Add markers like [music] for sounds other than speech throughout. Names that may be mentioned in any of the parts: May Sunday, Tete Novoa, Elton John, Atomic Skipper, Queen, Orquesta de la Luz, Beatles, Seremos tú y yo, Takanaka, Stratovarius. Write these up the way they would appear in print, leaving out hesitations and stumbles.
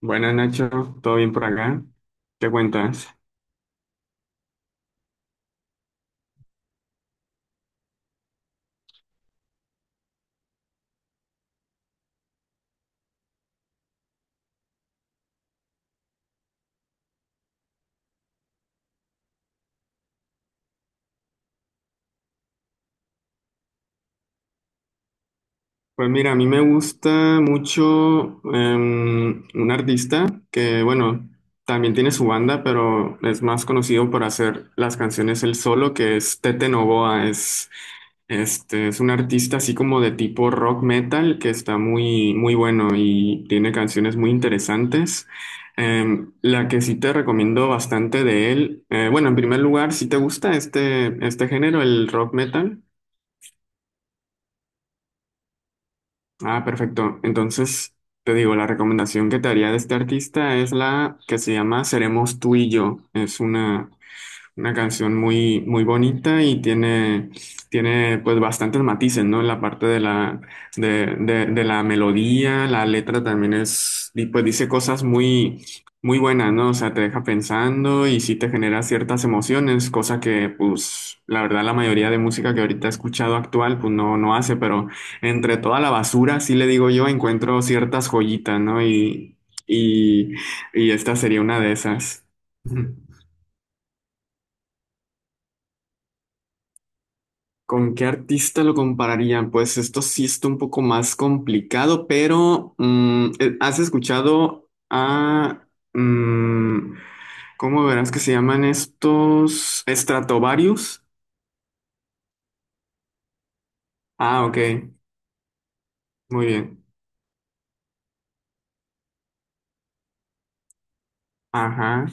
Buenas Nacho, ¿todo bien por acá? ¿Qué cuentas? Pues mira, a mí me gusta mucho un artista que, bueno, también tiene su banda, pero es más conocido por hacer las canciones él solo, que es Tete Novoa. Es Este es un artista así como de tipo rock metal que está muy, muy bueno y tiene canciones muy interesantes. La que sí te recomiendo bastante de él, bueno, en primer lugar, si te gusta este género, el rock metal, ah, perfecto. Entonces, te digo, la recomendación que te haría de este artista es la que se llama Seremos tú y yo. Una canción muy, muy bonita y tiene pues bastantes matices, ¿no? En la parte de de la melodía, la letra también es, y pues dice cosas muy, muy buenas, ¿no? O sea, te deja pensando y sí te genera ciertas emociones, cosa que pues la verdad la mayoría de música que ahorita he escuchado actual pues no, no hace, pero entre toda la basura, sí le digo yo, encuentro ciertas joyitas, ¿no? Y, y esta sería una de esas. [laughs] ¿Con qué artista lo compararía? Pues esto sí está un poco más complicado, pero ¿has escuchado a... mm, ¿cómo verás que se llaman estos? ¿Stratovarius? Ah, ok, muy bien. Ajá,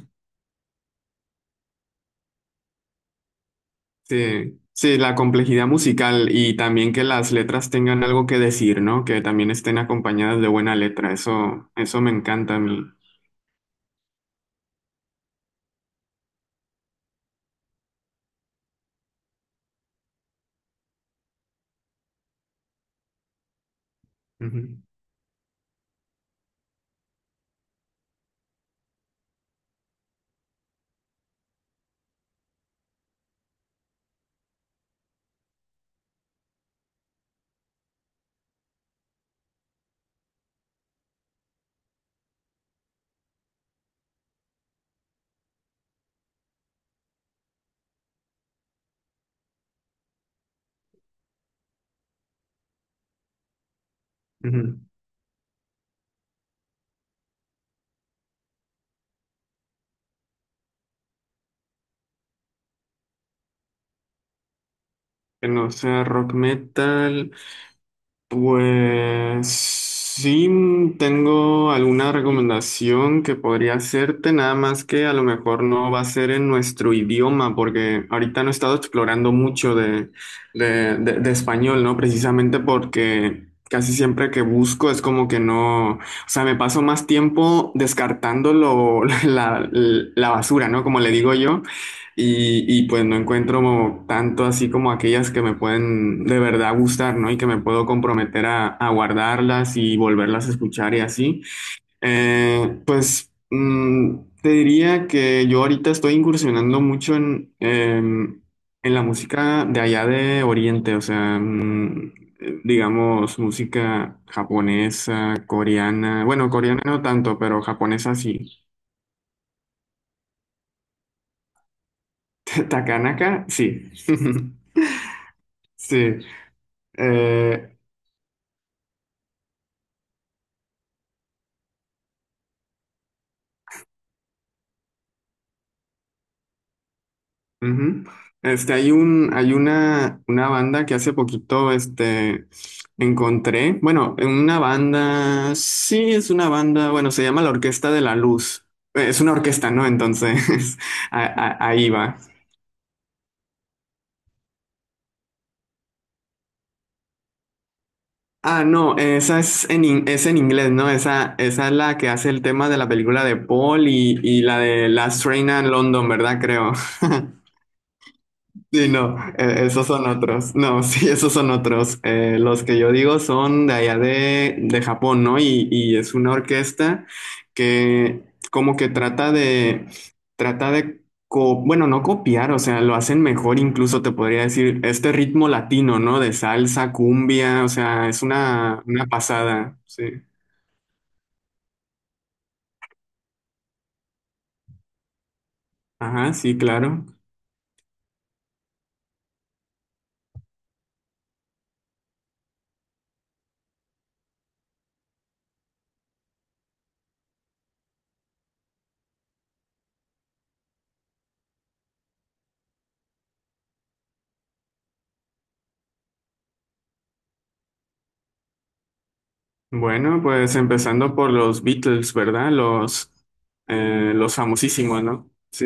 sí. Sí, la complejidad musical y también que las letras tengan algo que decir, ¿no? Que también estén acompañadas de buena letra. Eso me encanta a mí. Ujú, ujú. Que no sea rock metal. Pues sí, tengo alguna recomendación que podría hacerte, nada más que a lo mejor no va a ser en nuestro idioma, porque ahorita no he estado explorando mucho de español, ¿no? Precisamente porque casi siempre que busco es como que no, o sea, me paso más tiempo descartando lo- [laughs] la basura, ¿no? Como le digo yo pues no encuentro tanto así como aquellas que me pueden de verdad gustar, ¿no? Y que me puedo comprometer a guardarlas y volverlas a escuchar y así. Te diría que yo ahorita estoy incursionando mucho en la música de allá de Oriente, o sea, digamos, música japonesa, coreana, bueno, coreana no tanto, pero japonesa sí. [laughs] Takanaka, sí. [laughs] Sí. Eh, ujú. Este, hay una banda que hace poquito, este, encontré. Bueno, una banda, sí, es una banda, bueno, se llama la Orquesta de la Luz. Es una orquesta, ¿no? Entonces, [laughs] a- ahí va. Ah, no, esa es es en inglés, ¿no? Esa es la que hace el tema de la película de Paul y la de Last Train a London, ¿verdad? Creo. Sí, no, esos son otros. No, [laughs] sí, esos son otros. Los que yo digo son de allá de Japón, ¿no? Y es una orquesta que como que trata de, co- bueno, no copiar, o sea, lo hacen mejor, incluso te podría decir, este ritmo latino, ¿no? De salsa, cumbia, o sea, es una pasada, sí. Ajá, sí, claro. Bueno, pues empezando por los Beatles, ¿verdad? Los famosísimos, ¿no? Sí.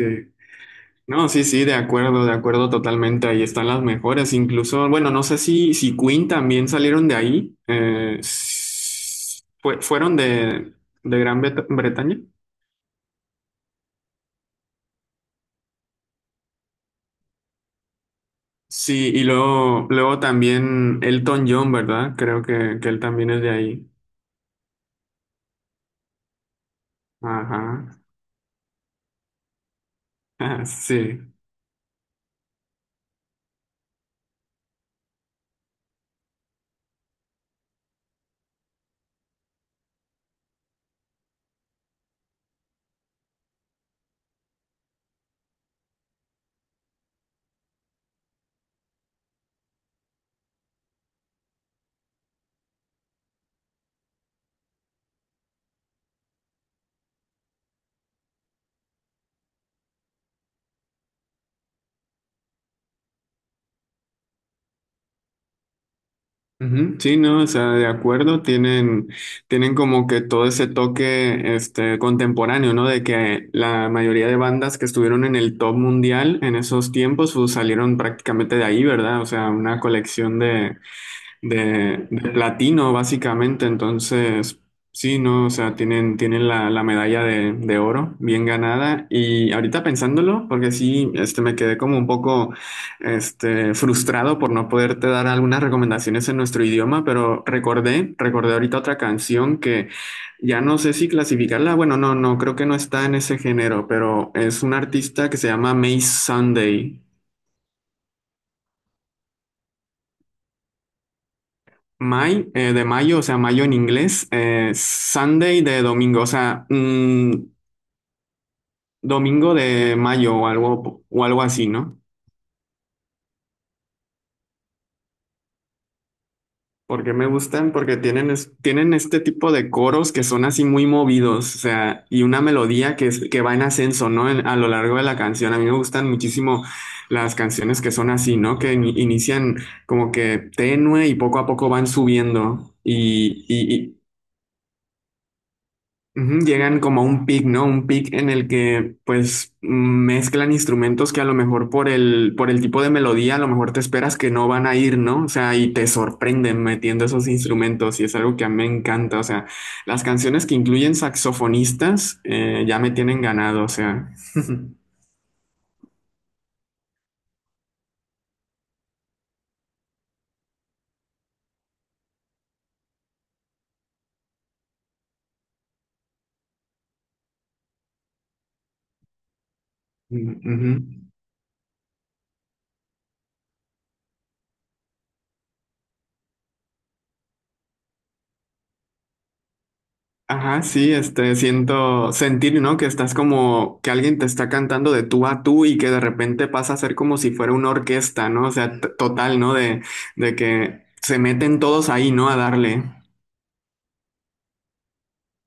No, sí, sí, de acuerdo totalmente. Ahí están las mejores. Incluso, bueno, no sé si, si Queen también salieron de ahí. Fueron de Gran Bretaña. Sí, y luego también Elton John, ¿verdad? Creo que él también es de ahí. Ajá. [laughs] Sí. Ujú, sí, no, o sea, de acuerdo, tienen como que todo ese toque este, contemporáneo, ¿no? De que la mayoría de bandas que estuvieron en el top mundial en esos tiempos, pues, salieron prácticamente de ahí, ¿verdad? O sea, una colección de platino, básicamente. Entonces, sí, ¿no? O sea, tienen la medalla de oro bien ganada. Y ahorita pensándolo, porque sí, este, me quedé como un poco este, frustrado por no poderte dar algunas recomendaciones en nuestro idioma, pero recordé ahorita otra canción que ya no sé si clasificarla. Bueno, no, no, creo que no está en ese género, pero es un artista que se llama May Sunday. May, de mayo, o sea, mayo en inglés, Sunday de domingo, o sea, domingo de mayo o algo así, ¿no? Porque me gustan, porque tienen, es- tienen este tipo de coros que son así muy movidos, o sea, y una melodía que, es- que va en ascenso, ¿no? En- a lo largo de la canción. A mí me gustan muchísimo las canciones que son así, ¿no? Que in- inician como que tenue y poco a poco van subiendo. Ujú, llegan como a un pic, ¿no? Un pic en el que pues mezclan instrumentos que a lo mejor por por el tipo de melodía a lo mejor te esperas que no van a ir, ¿no? O sea, y te sorprenden metiendo esos instrumentos y es algo que a mí me encanta. O sea, las canciones que incluyen saxofonistas ya me tienen ganado, o sea. [laughs] Ujú. Ajá, sí, este, sentir, ¿no? Que estás como que alguien te está cantando de tú a tú y que de repente pasa a ser como si fuera una orquesta, ¿no? O sea, t- total, ¿no? De que se meten todos ahí, ¿no? A darle.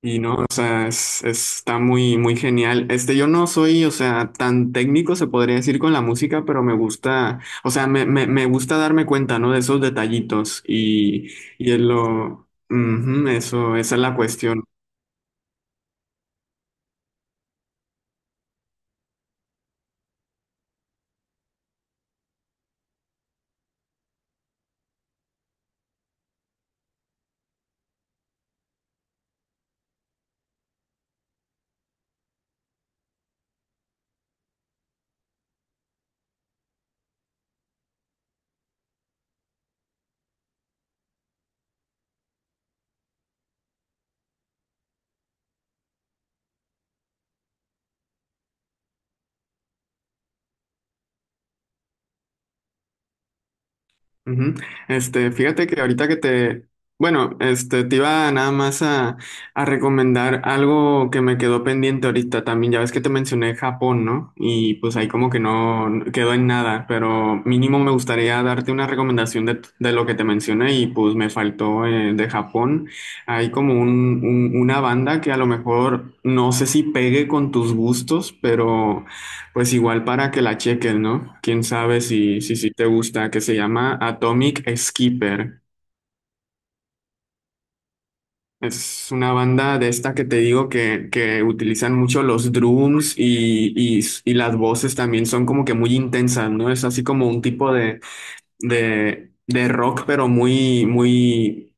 Y no, o sea, está muy, muy genial. Este, yo no soy, o sea, tan técnico se podría decir con la música, pero me gusta, o sea, me gusta darme cuenta, ¿no? De esos detallitos y es lo, ujú, eso, esa es la cuestión. Ujú. Este, fíjate que ahorita que te, bueno, este, te iba nada más a recomendar algo que me quedó pendiente ahorita también. Ya ves que te mencioné Japón, ¿no? Y pues ahí como que no quedó en nada, pero mínimo me gustaría darte una recomendación de lo que te mencioné y pues me faltó de Japón. Hay como una banda que a lo mejor no sé si pegue con tus gustos, pero pues igual para que la chequen, ¿no? Quién sabe si te gusta, que se llama Atomic Skipper. Es una banda de esta que te digo que utilizan mucho los drums y las voces también son como que muy intensas, ¿no? Es así como un tipo de rock, pero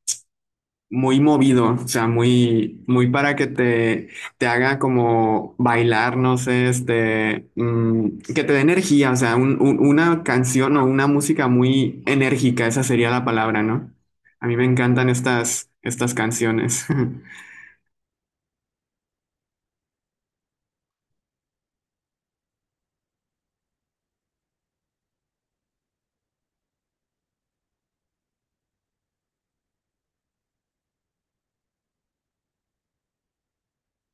muy movido, o sea, muy, muy para que te haga como bailar, no sé, este, que te dé energía, o sea, una canción o una música muy enérgica, esa sería la palabra, ¿no? A mí me encantan estas canciones. [laughs]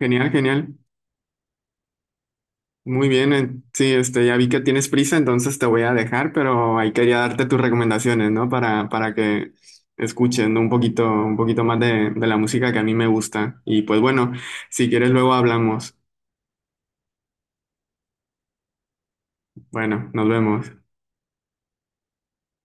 Genial, genial. Muy bien, sí, este, ya vi que tienes prisa, entonces te voy a dejar, pero ahí quería darte tus recomendaciones, ¿no? Para que escuchen un poquito más de la música que a mí me gusta. Y pues bueno, si quieres luego hablamos. Bueno, nos vemos.